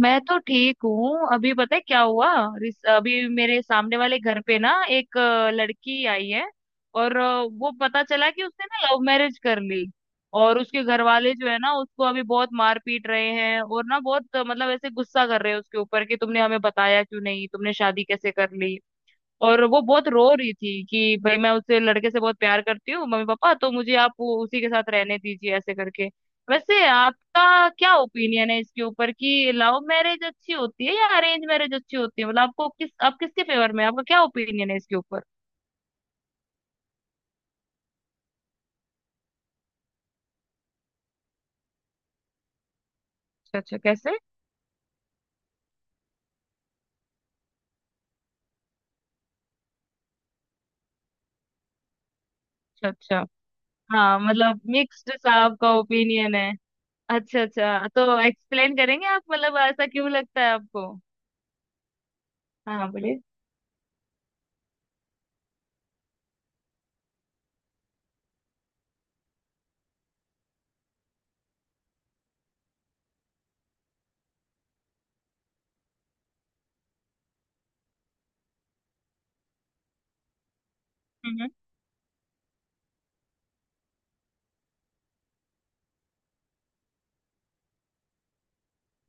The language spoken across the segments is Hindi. मैं तो ठीक हूँ। अभी पता है क्या हुआ? अभी मेरे सामने वाले घर पे ना एक लड़की आई है। और वो पता चला कि उसने ना लव मैरिज कर ली। और उसके घर वाले जो है ना उसको अभी बहुत मार पीट रहे हैं। और ना बहुत मतलब ऐसे गुस्सा कर रहे हैं उसके ऊपर कि तुमने हमें बताया क्यों नहीं, तुमने शादी कैसे कर ली। और वो बहुत रो रही थी कि भाई मैं उससे लड़के से बहुत प्यार करती हूँ, मम्मी पापा तो मुझे आप उसी के साथ रहने दीजिए ऐसे करके। वैसे आपका क्या ओपिनियन है इसके ऊपर कि लव मैरिज अच्छी होती है या अरेंज मैरिज अच्छी होती है? मतलब आपको किस आप किसके फेवर में हैं? आपका क्या ओपिनियन है इसके ऊपर? अच्छा अच्छा, कैसे? अच्छा अच्छा। हाँ मतलब मिक्स्ड सा आपका ओपिनियन है। अच्छा अच्छा, तो एक्सप्लेन करेंगे आप मतलब ऐसा क्यों लगता है आपको? हाँ बोलिए। हम्म।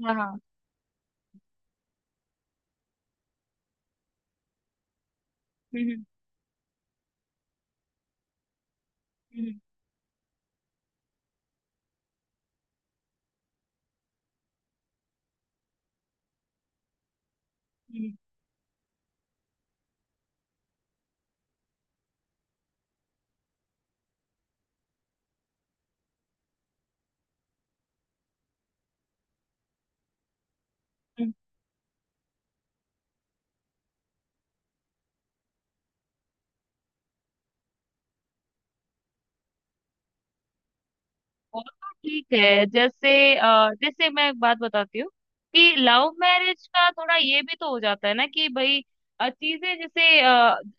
हाँ हाँ। हम्म। हम्म। हम्म। हम्म। हम्म। वो तो ठीक है। जैसे जैसे मैं एक बात बताती हूँ कि लव मैरिज का थोड़ा ये भी तो हो जाता है ना कि भाई अ, चीजें जैसे अ,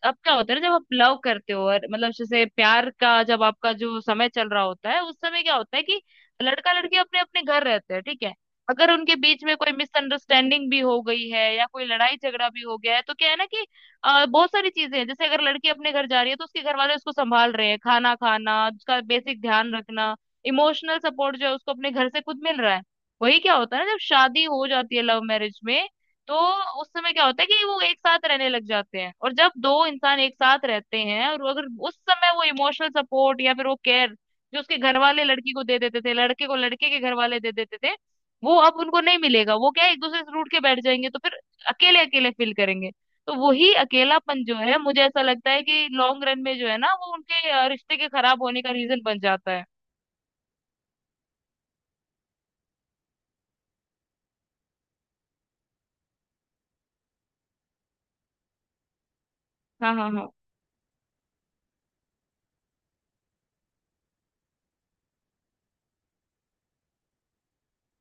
अब क्या होता है ना, जब आप लव करते हो और मतलब जैसे प्यार का जब आपका जो समय चल रहा होता है, उस समय क्या होता है कि लड़का लड़की अपने अपने घर रहते हैं ठीक है। अगर उनके बीच में कोई मिसअंडरस्टैंडिंग भी हो गई है या कोई लड़ाई झगड़ा भी हो गया है तो क्या है ना कि बहुत सारी चीजें हैं। जैसे अगर लड़की अपने घर जा रही है तो उसके घर वाले उसको संभाल रहे हैं, खाना खाना, उसका बेसिक ध्यान रखना, इमोशनल सपोर्ट जो है उसको अपने घर से खुद मिल रहा है। वही क्या होता है ना जब शादी हो जाती है लव मैरिज में, तो उस समय क्या होता है कि वो एक साथ रहने लग जाते हैं। और जब दो इंसान एक साथ रहते हैं और अगर उस समय वो इमोशनल सपोर्ट या फिर वो केयर जो उसके घर वाले लड़की को दे देते थे, लड़के को लड़के के घर वाले दे देते थे, वो अब उनको नहीं मिलेगा, वो क्या है, एक दूसरे से रूठ के बैठ जाएंगे तो फिर अकेले अकेले फील करेंगे। तो वही अकेलापन जो है मुझे ऐसा लगता है कि लॉन्ग रन में जो है ना वो उनके रिश्ते के खराब होने का रीजन बन जाता है। हाँ हाँ हाँ,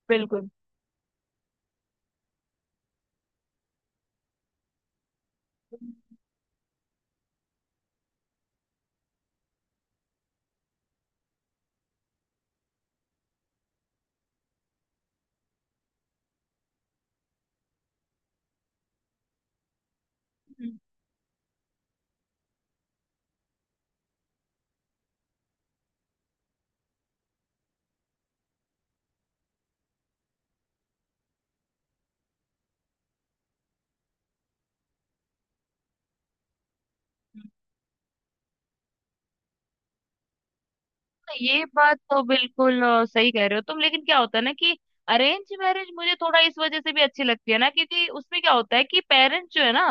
बिल्कुल। हम्म। हम्म। ये बात तो बिल्कुल सही कह रहे हो तुम, लेकिन क्या होता है ना कि अरेंज मैरिज मुझे थोड़ा इस वजह से भी अच्छी लगती है ना, क्योंकि उसमें क्या होता है कि पेरेंट्स जो है ना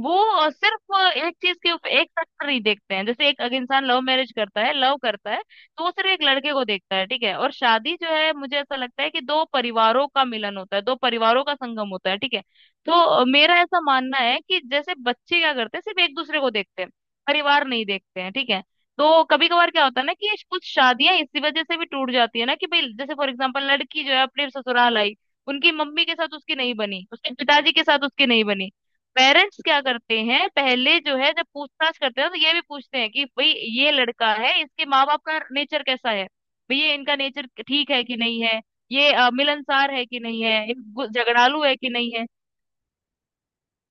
वो सिर्फ एक चीज के ऊपर, एक फैक्टर नहीं देखते हैं। जैसे एक अगर इंसान लव मैरिज करता है, लव करता है, तो वो सिर्फ एक लड़के को देखता है ठीक है। और शादी जो है मुझे ऐसा लगता है कि दो परिवारों का मिलन होता है, दो परिवारों का संगम होता है ठीक है। तो मेरा ऐसा मानना है कि जैसे बच्चे क्या करते हैं, सिर्फ एक दूसरे को देखते हैं, परिवार नहीं देखते हैं ठीक है। तो कभी कभार क्या होता है ना कि कुछ शादियां इसी वजह से भी टूट जाती है ना कि भाई जैसे फॉर एग्जांपल, लड़की जो है अपने ससुराल आई, उनकी मम्मी के साथ उसकी नहीं बनी, उसके पिताजी के साथ उसकी नहीं बनी। पेरेंट्स क्या करते हैं पहले जो है जब पूछताछ करते हैं तो ये भी पूछते हैं कि भाई ये लड़का है, इसके माँ बाप का नेचर कैसा है, भाई ये इनका नेचर ठीक है कि नहीं है, ये मिलनसार है कि नहीं है, ये झगड़ालू है कि नहीं है।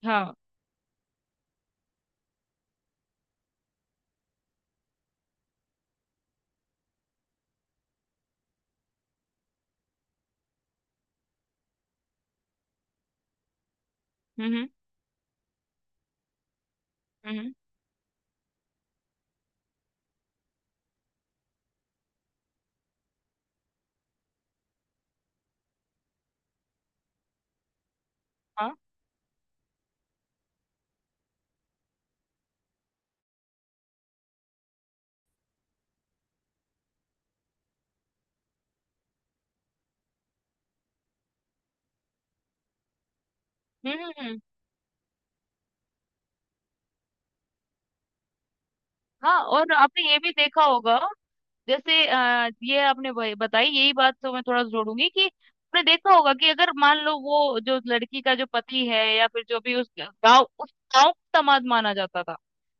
हाँ। हम्म। हम्म। हाँ। हम्म। हम्म। हम्म। हाँ, और आपने ये भी देखा होगा। जैसे ये आपने भाई बताई यही बात, तो मैं थोड़ा जोड़ूंगी कि आपने देखा होगा कि अगर मान लो वो जो लड़की का जो पति है या फिर जो भी उस गांव, उस गांव का दामाद माना जाता था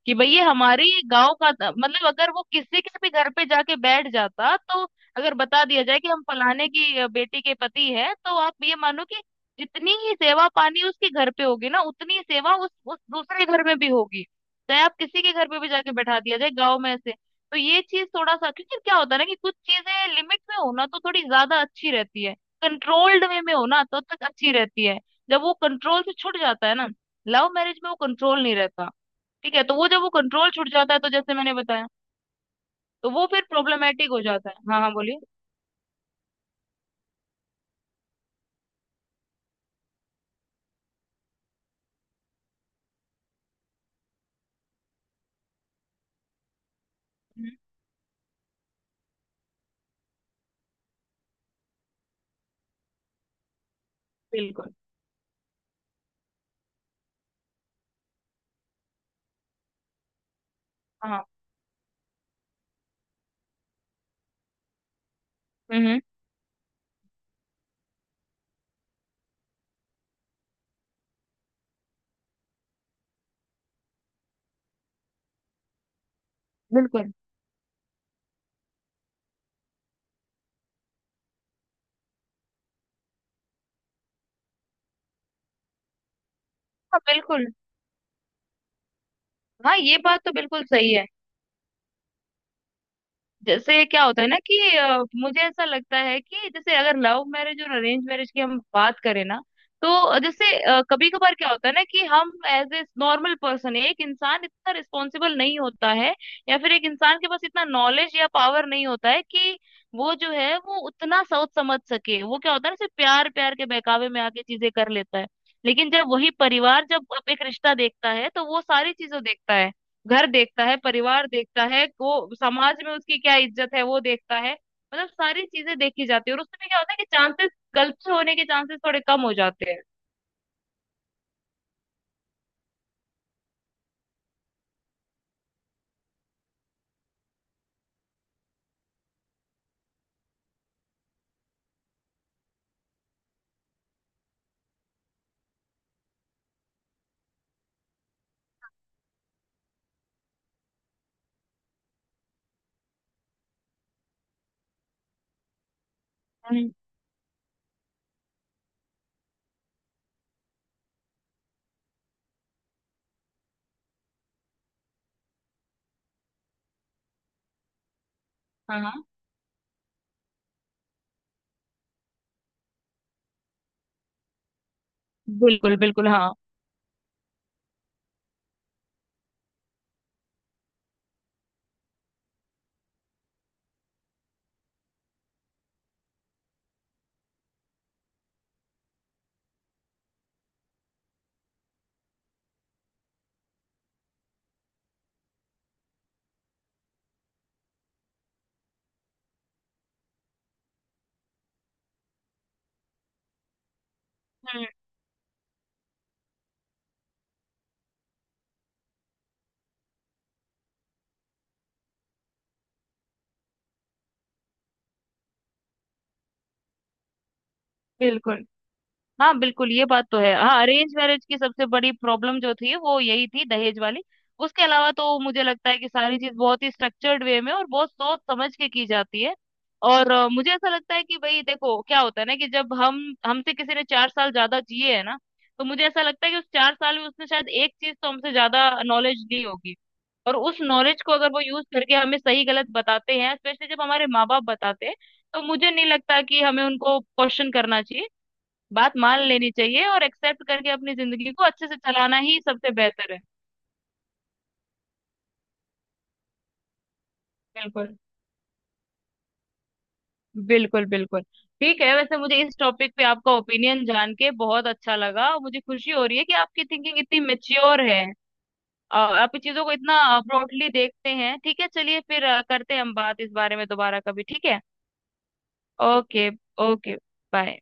कि भाई ये हमारे ही गांव का मतलब अगर वो किसी के भी घर पे जाके बैठ जाता तो अगर बता दिया जाए कि हम फलाने की बेटी के पति है, तो आप ये मानो कि जितनी ही सेवा पानी उसके घर पे होगी ना, उतनी ही सेवा उस दूसरे घर में भी होगी। चाहे आप किसी के घर पे भी जाके बैठा दिया जाए गांव में ऐसे। तो ये चीज थोड़ा सा, क्योंकि क्या होता है ना कि कुछ चीजें लिमिट में हो ना तो थोड़ी ज्यादा अच्छी रहती है, कंट्रोल्ड वे में हो ना तो तब तक अच्छी रहती है। जब वो कंट्रोल से छूट जाता है ना, लव मैरिज में वो कंट्रोल नहीं रहता, ठीक है, तो वो जब वो कंट्रोल छूट जाता है तो जैसे मैंने बताया तो वो फिर प्रॉब्लमेटिक हो जाता है। हाँ हाँ बोलिए। हम्म। बिल्कुल। हाँ। हम्म। बिल्कुल। हाँ, बिल्कुल। हाँ ये बात तो बिल्कुल सही है। जैसे क्या होता है ना कि मुझे ऐसा लगता है कि जैसे अगर लव मैरिज और अरेंज मैरिज की हम बात करें ना, तो जैसे कभी कभार क्या होता है ना कि हम एज ए नॉर्मल पर्सन, एक इंसान इतना रिस्पॉन्सिबल नहीं होता है, या फिर एक इंसान के पास इतना नॉलेज या पावर नहीं होता है कि वो जो है वो उतना सोच समझ सके। वो क्या होता है ना सिर्फ प्यार, प्यार के बहकावे में आके चीजें कर लेता है। लेकिन जब वही परिवार जब एक रिश्ता देखता है तो वो सारी चीजें देखता है, घर देखता है, परिवार देखता है, वो समाज में उसकी क्या इज्जत है वो देखता है, मतलब सारी चीजें देखी जाती है। और उसमें क्या होता है कि चांसेस गलत से होने के चांसेस थोड़े कम हो जाते हैं। हम्म। हाँ हाँ, बिल्कुल। बिल्कुल। हाँ। हम्म। बिल्कुल। हाँ, बिल्कुल ये बात तो है। हाँ अरेंज मैरिज की सबसे बड़ी प्रॉब्लम जो थी वो यही थी, दहेज वाली। उसके अलावा तो मुझे लगता है कि सारी चीज बहुत ही स्ट्रक्चर्ड वे में और बहुत सोच समझ के की जाती है। और मुझे ऐसा लगता है कि भाई देखो, क्या होता है ना कि जब हम, हमसे किसी ने 4 साल ज्यादा जिए है ना, तो मुझे ऐसा लगता है कि उस 4 साल में उसने शायद एक चीज तो हमसे ज्यादा नॉलेज ली होगी। और उस नॉलेज को अगर वो यूज करके हमें सही गलत बताते हैं, स्पेशली जब हमारे माँ बाप बताते हैं, तो मुझे नहीं लगता कि हमें उनको क्वेश्चन करना चाहिए, बात मान लेनी चाहिए और एक्सेप्ट करके अपनी जिंदगी को अच्छे से चलाना ही सबसे बेहतर है। बिल्कुल। बिल्कुल बिल्कुल। ठीक है, वैसे मुझे इस टॉपिक पे आपका ओपिनियन जान के बहुत अच्छा लगा और मुझे खुशी हो रही है कि आपकी थिंकिंग इतनी मेच्योर है। आप चीजों को इतना ब्रॉडली देखते हैं, ठीक है, चलिए फिर करते हैं हम बात इस बारे में दोबारा कभी, ठीक है। Okay okay bye.